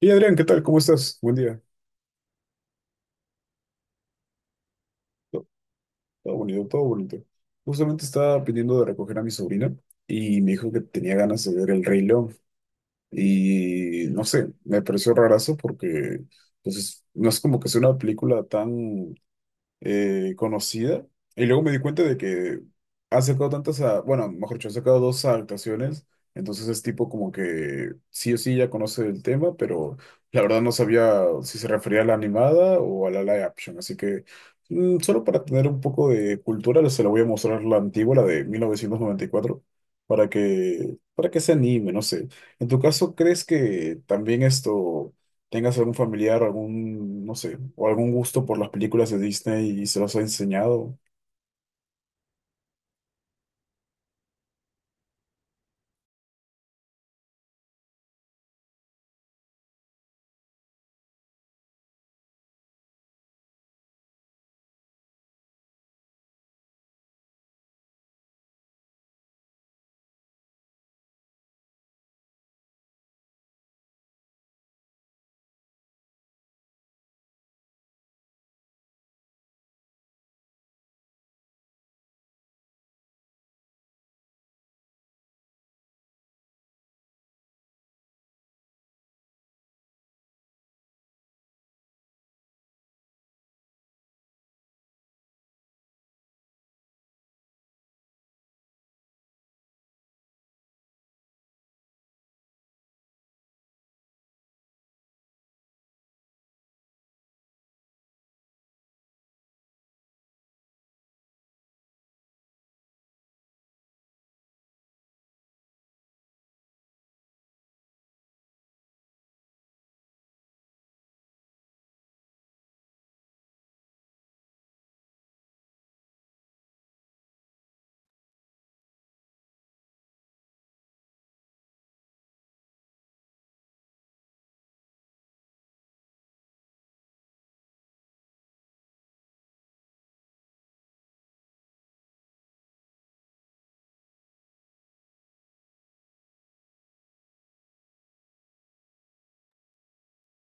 Y Adrián, ¿qué tal? ¿Cómo estás? Buen día. To- Todo bonito, todo bonito. Justamente estaba pidiendo de recoger a mi sobrina y me dijo que tenía ganas de ver El Rey León. Y no sé, me pareció rarazo porque pues, no es como que sea una película tan conocida. Y luego me di cuenta de que ha sacado tantas, bueno, mejor dicho, ha sacado dos adaptaciones. Entonces es tipo como que sí o sí ya conoce el tema, pero la verdad no sabía si se refería a la animada o a la live action. Así que solo para tener un poco de cultura, se la voy a mostrar la antigua, la de 1994 para que se anime, no sé. En tu caso, ¿crees que también esto tengas algún familiar, algún, no sé, o algún gusto por las películas de Disney y se los ha enseñado.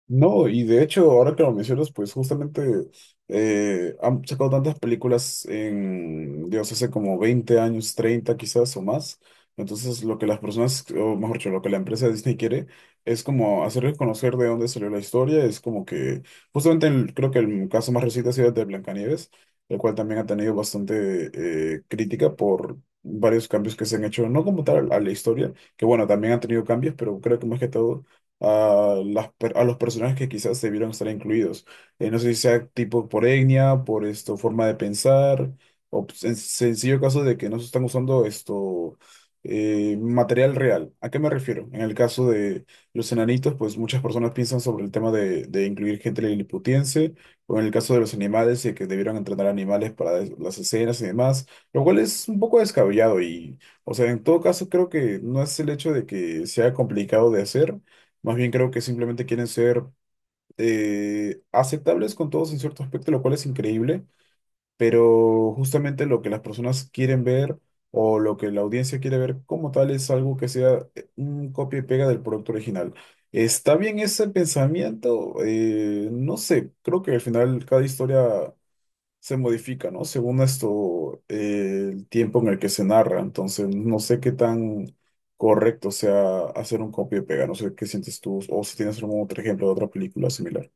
No, y de hecho, ahora que lo mencionas, pues justamente han sacado tantas películas en, Dios, hace como 20 años, 30 quizás o más. Entonces, lo que las personas, o mejor dicho, lo que la empresa de Disney quiere es como hacerles conocer de dónde salió la historia. Es como que, justamente creo que el caso más reciente ha sido el de Blancanieves, el cual también ha tenido bastante crítica por varios cambios que se han hecho, no como tal a la historia, que bueno, también han tenido cambios, pero creo que más que todo a, a los personajes que quizás debieron estar incluidos. No sé si sea tipo por etnia, por esto, forma de pensar, o en sencillo caso de que no se están usando esto, material real. ¿A qué me refiero? En el caso de los enanitos, pues muchas personas piensan sobre el tema de incluir gente liliputiense, o en el caso de los animales, y que debieron entrenar animales para las escenas y demás, lo cual es un poco descabellado y... O sea, en todo caso, creo que no es el hecho de que sea complicado de hacer, más bien creo que simplemente quieren ser aceptables con todos en cierto aspecto, lo cual es increíble, pero justamente lo que las personas quieren ver o lo que la audiencia quiere ver como tal es algo que sea un copia y pega del producto original. ¿Está bien ese pensamiento? No sé, creo que al final cada historia se modifica, ¿no? Según esto, el tiempo en el que se narra. Entonces, no sé qué tan correcto sea hacer un copia y pega. No sé qué sientes tú o si tienes algún otro ejemplo de otra película similar.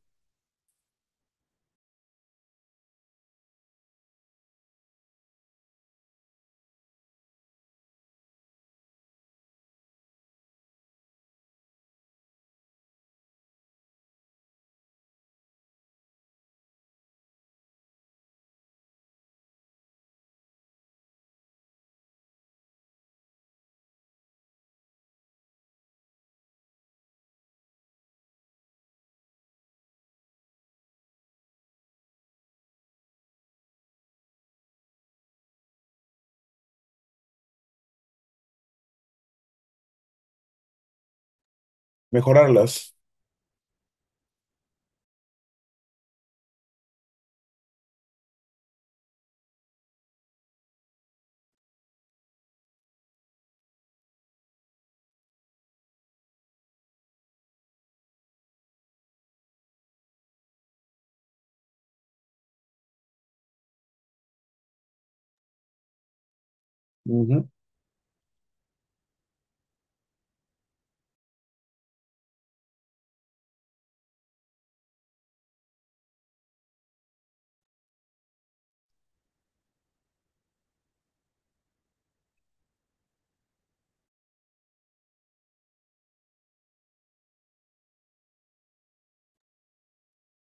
Mejorarlas.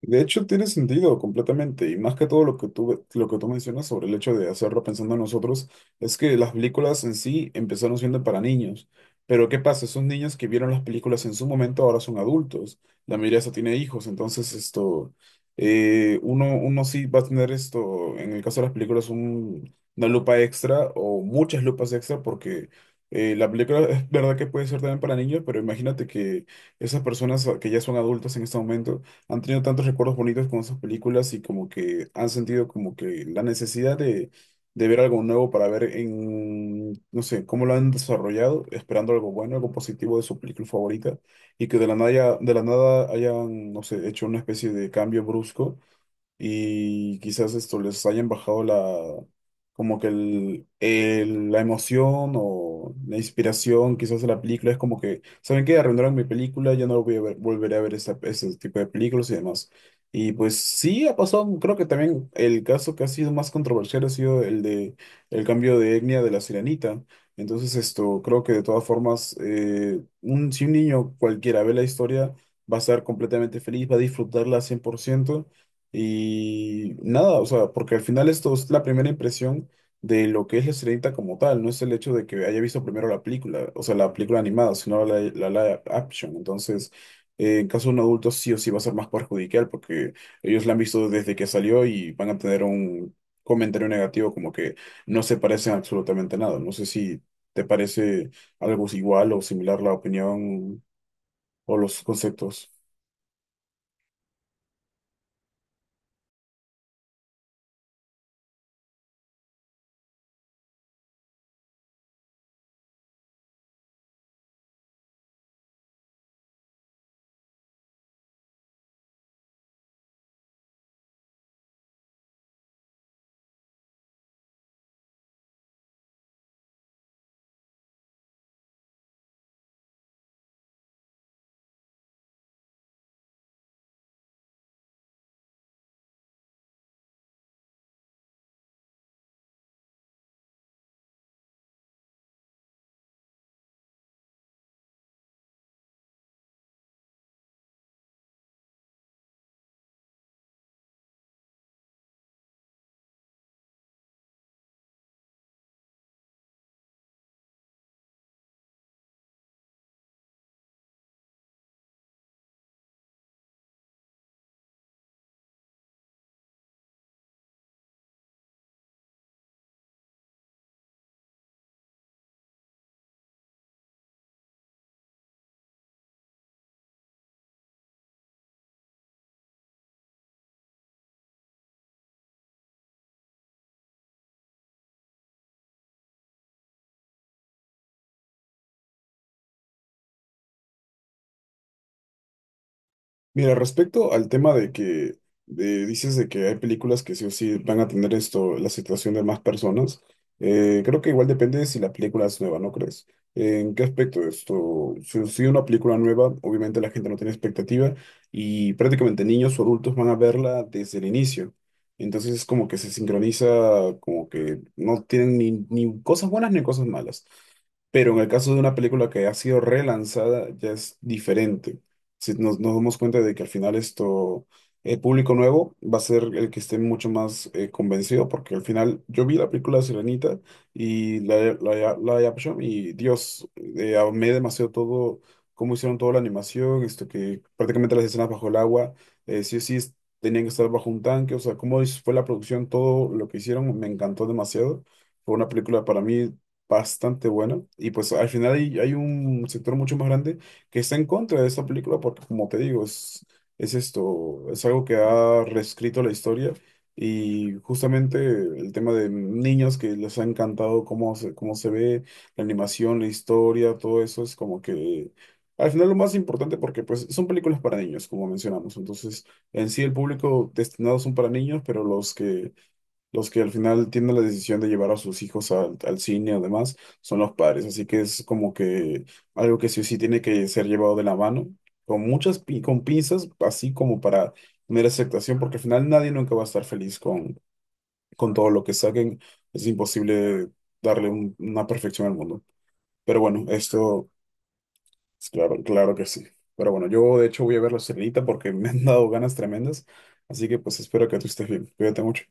De hecho, tiene sentido completamente, y más que todo lo que tú mencionas sobre el hecho de hacerlo pensando en nosotros, es que las películas en sí empezaron siendo para niños, pero ¿qué pasa? Esos niños que vieron las películas en su momento ahora son adultos, la mayoría ya tiene hijos, entonces esto, uno sí va a tener esto, en el caso de las películas, una lupa extra o muchas lupas extra porque... la película es verdad que puede ser también para niños, pero imagínate que esas personas que ya son adultas en este momento han tenido tantos recuerdos bonitos con esas películas y como que han sentido como que la necesidad de ver algo nuevo para ver en, no sé, cómo lo han desarrollado, esperando algo bueno, algo positivo de su película favorita y que de la nada hayan, no sé, hecho una especie de cambio brusco y quizás esto les hayan bajado la, como que la emoción o la inspiración quizás de la película, es como que, ¿saben qué? Arruinaron mi película, ya no voy a volveré a ver ese tipo de películas y demás. Y pues sí, ha pasado, creo que también el caso que ha sido más controversial ha sido el de el cambio de etnia de la sirenita. Entonces esto, creo que de todas formas, si un niño cualquiera ve la historia, va a estar completamente feliz, va a disfrutarla al 100% y nada, o sea, porque al final esto es la primera impresión de lo que es la Sirenita como tal, no es el hecho de que haya visto primero la película, o sea, la película animada, sino la live action. Entonces, en caso de un adulto sí o sí va a ser más perjudicial porque ellos la han visto desde que salió y van a tener un comentario negativo como que no se parecen absolutamente nada. No sé si te parece algo igual o similar la opinión o los conceptos. Mira, respecto al tema de que dices de que hay películas que sí o sí van a tener esto, la situación de más personas, creo que igual depende de si la película es nueva, ¿no crees? ¿En qué aspecto esto? Si, si una película nueva, obviamente la gente no tiene expectativa y prácticamente niños o adultos van a verla desde el inicio. Entonces es como que se sincroniza, como que no tienen ni, ni cosas buenas ni cosas malas. Pero en el caso de una película que ha sido relanzada, ya es diferente si nos, nos damos cuenta de que al final esto, el público nuevo va a ser el que esté mucho más convencido, porque al final yo vi la película de Sirenita y la live action y Dios, amé demasiado todo, cómo hicieron toda la animación, esto que prácticamente las escenas bajo el agua, sí o sí tenían que estar bajo un tanque, o sea, cómo fue la producción, todo lo que hicieron, me encantó demasiado. Fue una película para mí bastante buena y pues al final hay un sector mucho más grande que está en contra de esta película porque, como te digo, es esto, es algo que ha reescrito la historia y justamente el tema de niños que les ha encantado cómo se ve, la animación, la historia, todo eso es como que... Al final lo más importante porque pues son películas para niños, como mencionamos. Entonces, en sí el público destinado son para niños, pero los que al final tienen la decisión de llevar a sus hijos al, al cine además son los padres, así que es como que algo que sí o sí tiene que ser llevado de la mano, con muchas con pinzas, así como para tener aceptación, porque al final nadie nunca va a estar feliz con todo lo que saquen, es imposible darle una perfección al mundo. Pero bueno, esto, es claro, claro que sí. Pero bueno, yo de hecho voy a ver la celita porque me han dado ganas tremendas, así que pues espero que tú estés bien, cuídate mucho.